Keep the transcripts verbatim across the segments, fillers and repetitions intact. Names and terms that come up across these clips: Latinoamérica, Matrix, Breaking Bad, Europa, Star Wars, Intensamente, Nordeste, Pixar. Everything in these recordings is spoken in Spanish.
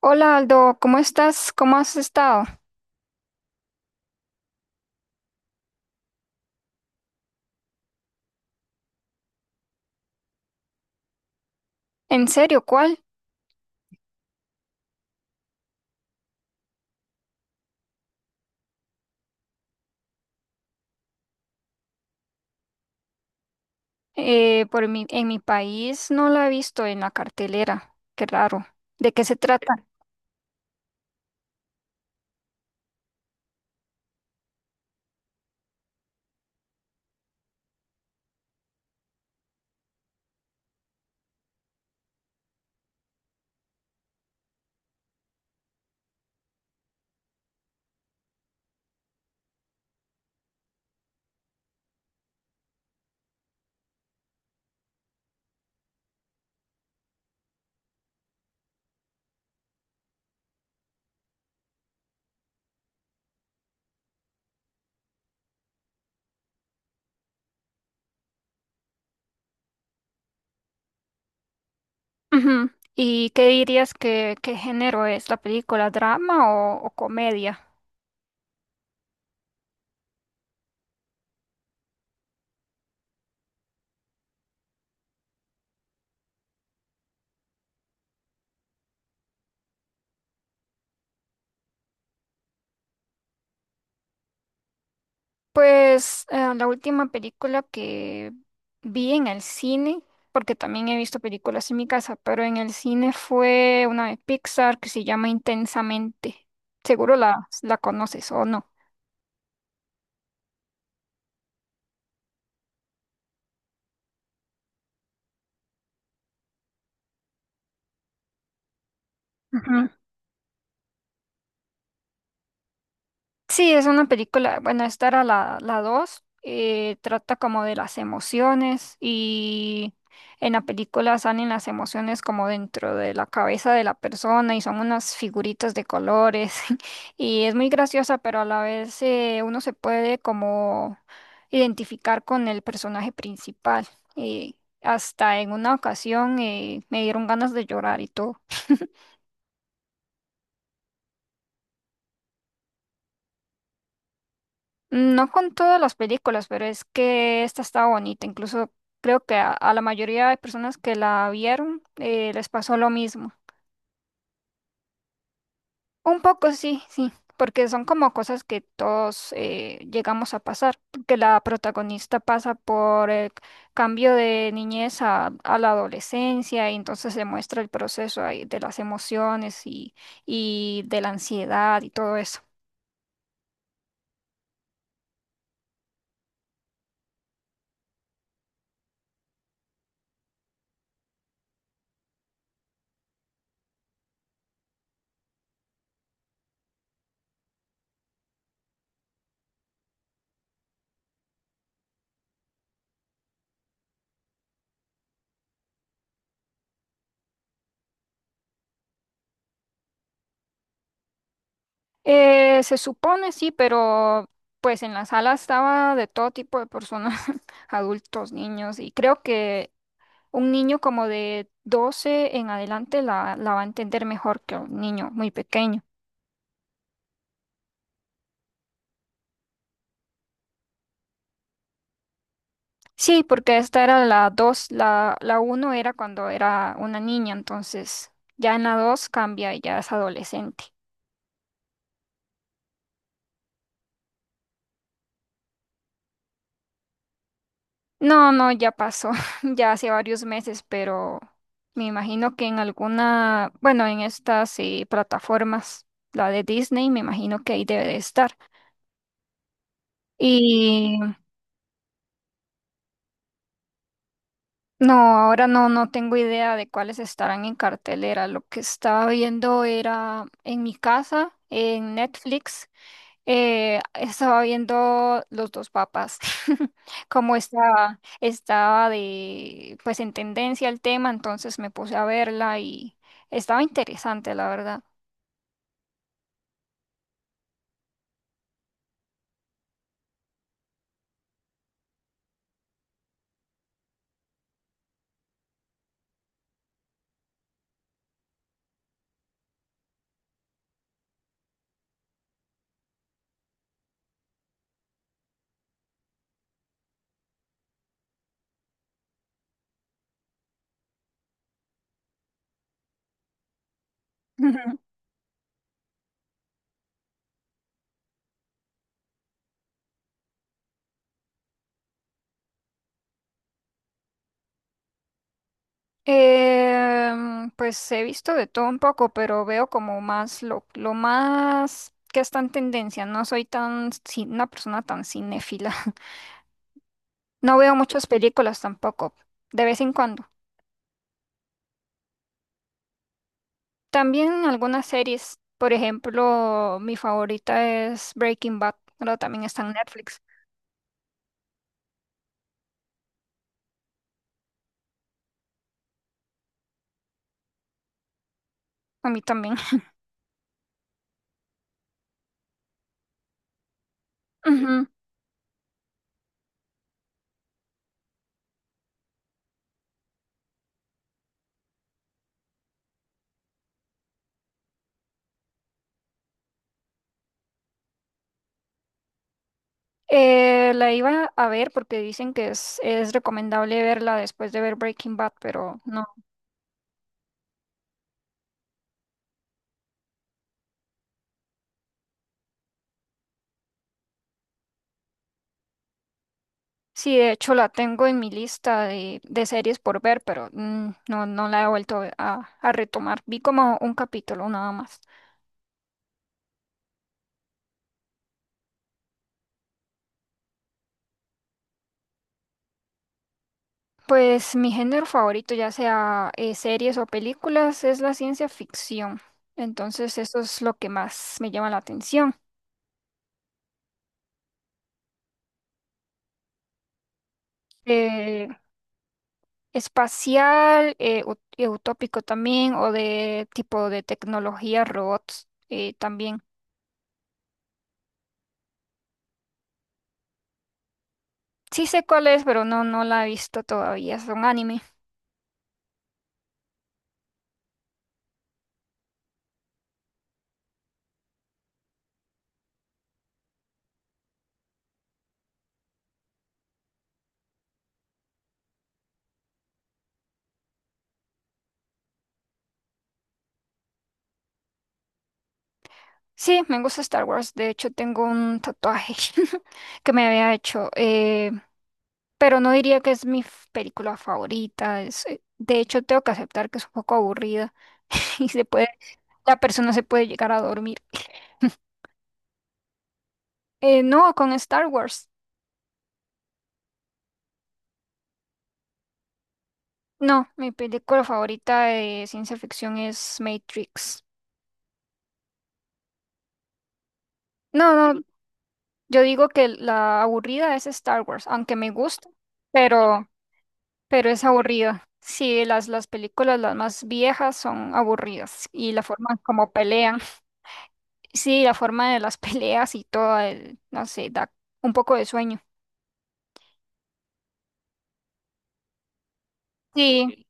Hola Aldo, ¿cómo estás? ¿Cómo has estado? ¿En serio? ¿Cuál? Eh, por mi, en mi país no la he visto en la cartelera. Qué raro. ¿De qué se trata? Ujú. ¿Y qué dirías que qué género es la película? ¿Drama o, o comedia? Pues eh, la última película que vi en el cine, porque también he visto películas en mi casa, pero en el cine fue una de Pixar que se llama Intensamente. Seguro la, la conoces o no. Ujú. Sí, es una película, bueno, esta era la, la dos eh, trata como de las emociones y en la película salen las emociones como dentro de la cabeza de la persona y son unas figuritas de colores y es muy graciosa, pero a la vez eh, uno se puede como identificar con el personaje principal y hasta en una ocasión eh, me dieron ganas de llorar y todo. No con todas las películas, pero es que esta está bonita. Incluso creo que a, a la mayoría de personas que la vieron eh, les pasó lo mismo. Un poco sí, sí, porque son como cosas que todos eh, llegamos a pasar, que la protagonista pasa por el cambio de niñez a, a la adolescencia y entonces se muestra el proceso ahí de las emociones y, y de la ansiedad y todo eso. Eh, se supone sí, pero pues en la sala estaba de todo tipo de personas, adultos, niños, y creo que un niño como de doce en adelante la, la va a entender mejor que un niño muy pequeño. Sí, porque esta era la dos la, la uno era cuando era una niña, entonces ya en la dos cambia y ya es adolescente. No, no, ya pasó, ya hace varios meses, pero me imagino que en alguna, bueno, en estas eh, plataformas, la de Disney, me imagino que ahí debe de estar. Y no, ahora no, no tengo idea de cuáles estarán en cartelera. Lo que estaba viendo era en mi casa, en Netflix. Eh, estaba viendo los dos papas, como estaba, estaba de, pues en tendencia el tema, entonces me puse a verla y estaba interesante, la verdad. Em, pues he visto de todo un poco, pero veo como más lo, lo más que está en tendencia. No soy tan, ci- una persona tan cinéfila. No veo muchas películas tampoco, de vez en cuando. También en algunas series, por ejemplo, mi favorita es Breaking Bad, pero también está en Netflix. A mí también. Ujú. Eh, la iba a ver porque dicen que es, es recomendable verla después de ver Breaking Bad, pero no. Sí, de hecho la tengo en mi lista de, de series por ver, pero mm, no, no la he vuelto a, a retomar. Vi como un capítulo nada más. Pues mi género favorito, ya sea eh, series o películas, es la ciencia ficción. Entonces eso es lo que más me llama la atención. Eh, Espacial, eh, ut- eh, utópico también, o de tipo de tecnología, robots eh, también. Sí sé cuál es, pero no, no la he visto todavía. Es un anime. Sí, me gusta Star Wars. De hecho, tengo un tatuaje que me había hecho. Eh, pero no diría que es mi f- película favorita. Es, eh, de hecho, tengo que aceptar que es un poco aburrida y se puede, la persona se puede llegar a dormir. Eh, no, con Star Wars. No, mi película favorita de ciencia ficción es Matrix. No, no, yo digo que la aburrida es Star Wars, aunque me gusta, pero, pero es aburrida. Sí, las, las películas las más viejas son aburridas y la forma como pelean. Sí, la forma de las peleas y todo, el- no sé, da un poco de sueño. Sí,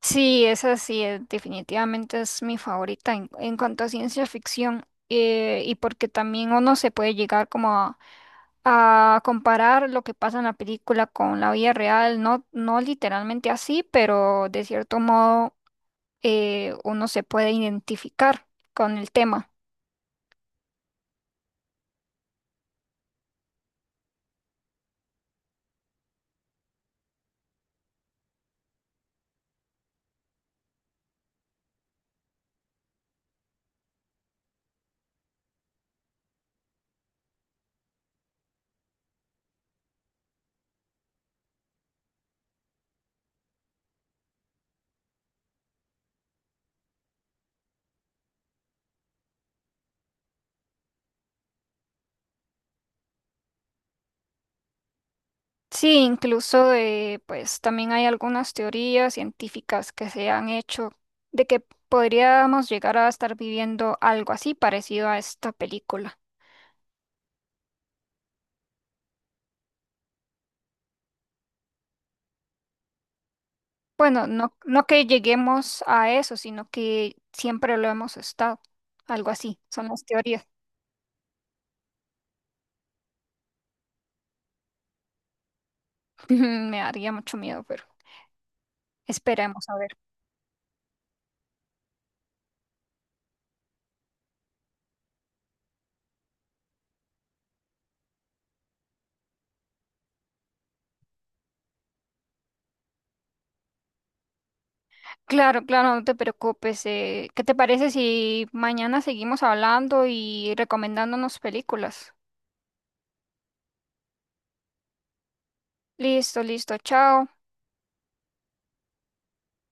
sí, esa sí, eh, definitivamente es mi favorita en, en cuanto a ciencia ficción. Eh, y porque también uno se puede llegar como a, a comparar lo que pasa en la película con la vida real, no, no literalmente así, pero de cierto modo eh, uno se puede identificar con el tema. Sí, incluso eh, pues también hay algunas teorías científicas que se han hecho de que podríamos llegar a estar viviendo algo así parecido a esta película. Bueno, no, no que lleguemos a eso, sino que siempre lo hemos estado. Algo así, son las teorías. Me daría mucho miedo, pero esperemos a ver. Claro, claro, no te preocupes. eh, ¿Qué te parece si mañana seguimos hablando y recomendándonos películas? Listo, listo, chao.